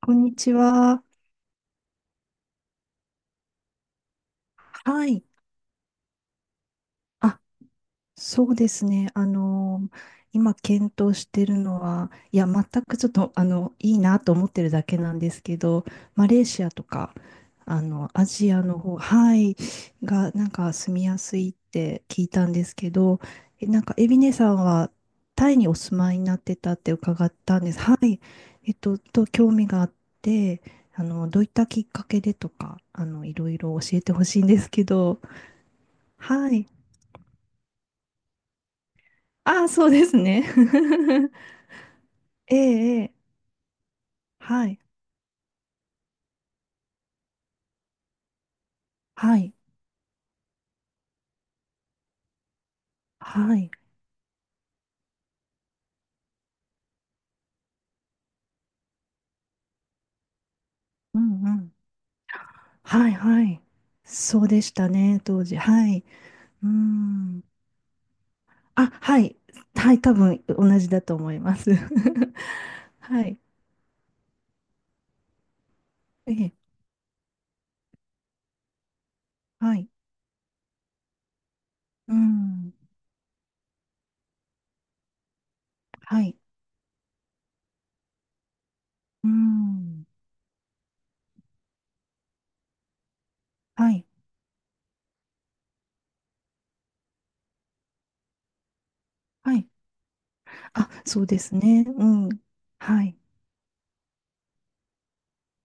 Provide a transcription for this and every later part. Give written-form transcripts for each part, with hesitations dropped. こんにちは。はい。あ、そうですね。今検討してるのは、いや、全くちょっと、いいなと思ってるだけなんですけど、マレーシアとか、アジアの方、はい、が、なんか住みやすいって聞いたんですけど、なんか、エビネさんは、タイにお住まいになってたって伺ったんです。はい。興味があって、どういったきっかけでとか、いろいろ教えてほしいんですけど、はい。ああ、そうですね。ええ、ええ、はい、はい、はい。うんうん。はい、はい。そうでしたね、当時。はい。うーん。あ、はい。はい、多分同じだと思います。はい。ええ、はい。うん。はい。うん。はい。はい。あ、そうですね。うん。はい。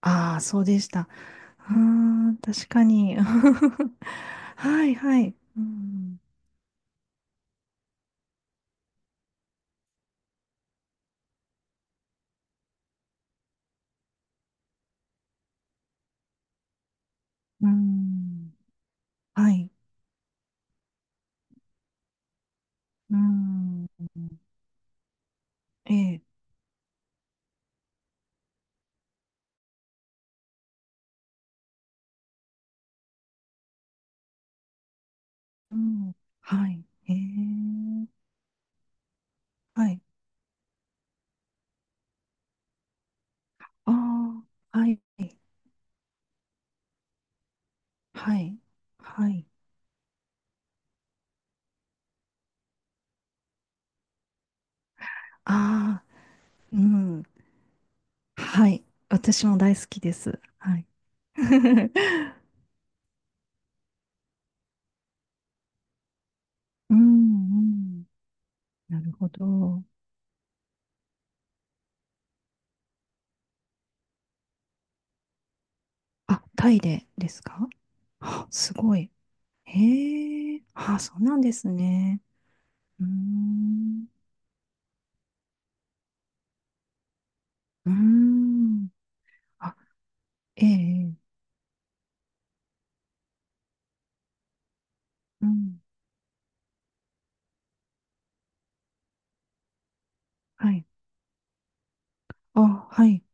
ああ、そうでした。ああ、確かに。はい、はい。うんうん。はい。うん。ええ。うん。はい。ええ。はい。ああ。はい。はい。はい。ああ。うん。はい。私も大好きです。はい。うん。うん。なるほど。あ、タイでですか？あ、すごい。へえ。あ、そうなんですね。うーん。うーん。あ、ええ。ええ、うん。はい。あ、はい。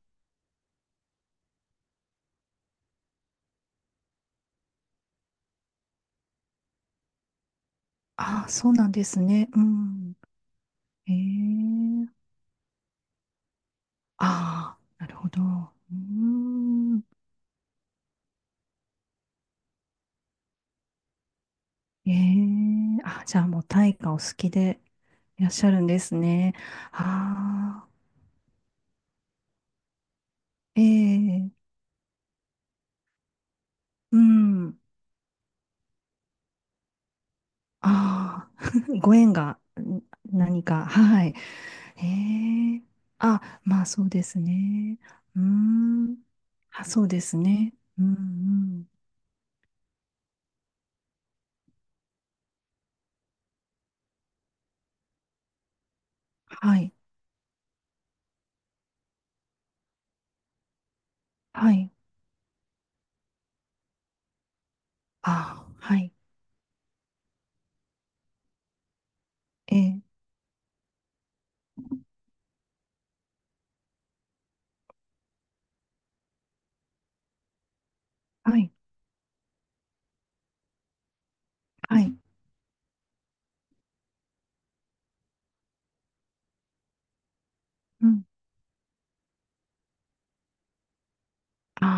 あ、そうなんですね。うん。ええ。ああ、なるほど。うん。ええ。あ、じゃあもう大化お好きでいらっしゃるんですね。ああ、ええ。うん。ああ、ご縁がん何か。はい。ええ。あ、まあそうですね。うーん。あ、そうですね。うんうん。はい。はい。あ、はい。ええ、はい、はい。うん。あ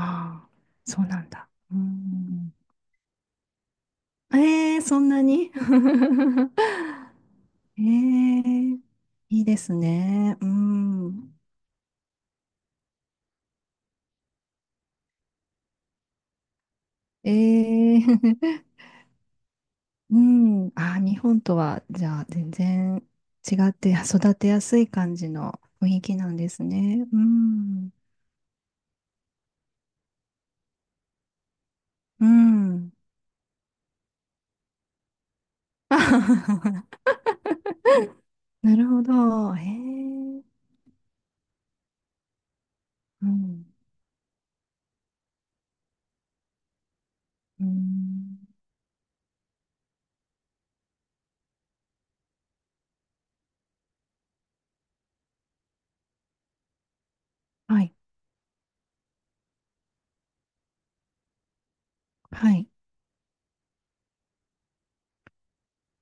あ、そうなんだ。うーん。ええ、そんなに。 ええ、いいですね。うん。ええ。 うん。ああ、日本とは、じゃあ、全然違って育てやすい感じの雰囲気なんですね。うん。うん。あはははなるほど。ええ、うん。うん。はい。はい。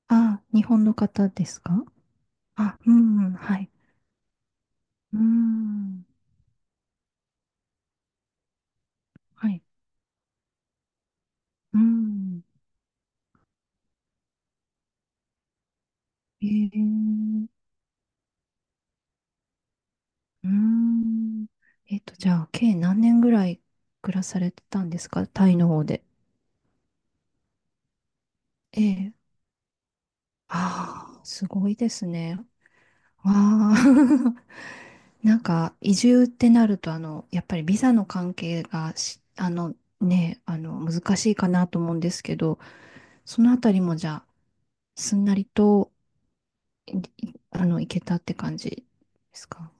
あ、日本の方ですか？あ、うん、はい。うん、はい。うん、ええ、うん。じゃあ、計何年ぐらい暮らされてたんですか、タイの方で？ええ。ああ、すごいですね。わあ。なんか、移住ってなると、あの、やっぱりビザの関係がし、ね、難しいかなと思うんですけど、そのあたりもじゃあ、すんなりと、い行けたって感じですか？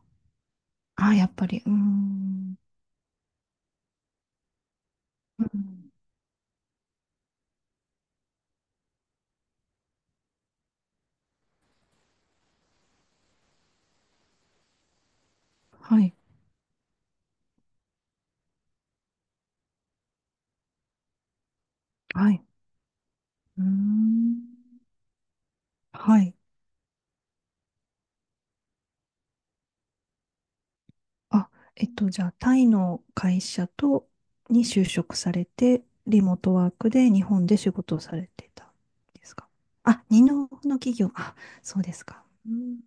あ、やっぱり、うーん。うん、はい、はい。うーん。はい。あ、じゃあ、タイの会社と、に就職されて、リモートワークで日本で仕事をされてたんですか？あ、日本の企業、あ、そうですか。うん。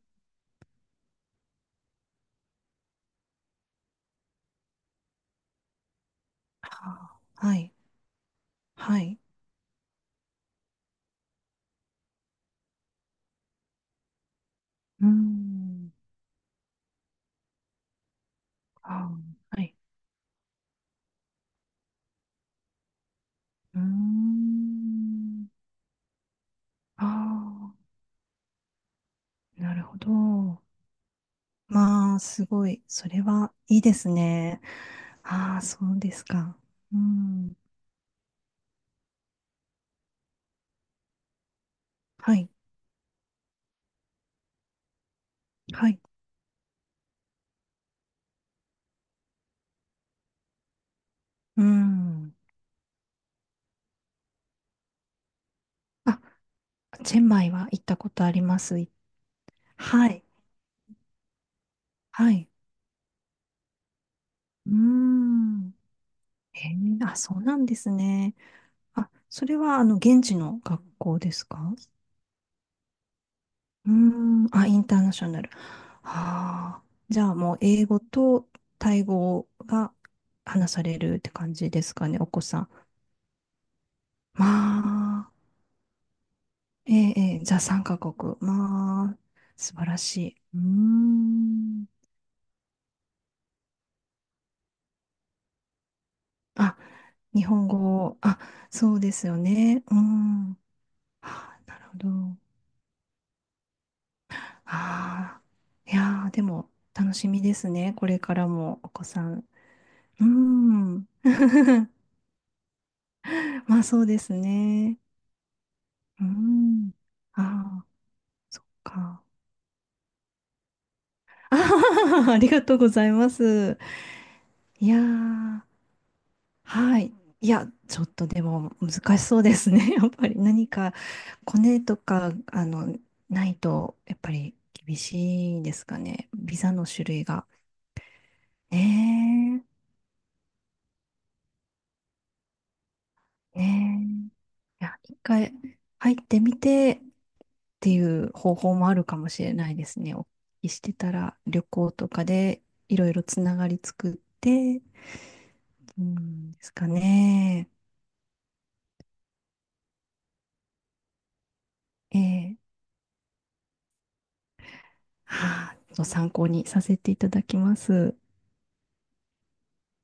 はあ、はい、はい。うーん。あ、はい。うーん。ああ、なるほど。まあ、すごい。それはいいですね。ああ、そうですか。うん。はい。はい。うん。あ、チェンマイは行ったことあります。はい。はい。うん。へえ、あ、そうなんですね。あ、それは、現地の学校ですか？うん。あ、インターナショナル。ああ。じゃあ、もう、英語とタイ語が話されるって感じですかね、お子さん。まあ。ええ、ええ、じゃあ3カ国。まあ、素晴らしい。うーん。あ、日本語。あ、そうですよね。うん。あ、なるほど。ああ、いやー、でも、楽しみですね。これからも、お子さん。うん。まあ、そうですね。うん。ああ、そっか。あははははありがとうございます。いやー。はい。いや、ちょっとでも難しそうですね。やっぱり何かコネとか、あの、ないと、やっぱり厳しいですかね。ビザの種類が。ねえ、ねえ。いや、一回入ってみてっていう方法もあるかもしれないですね。お聞きしてたら、旅行とかでいろいろつながり作って、うんですかね。ええ、はあ、ちょっと参考にさせていただきます。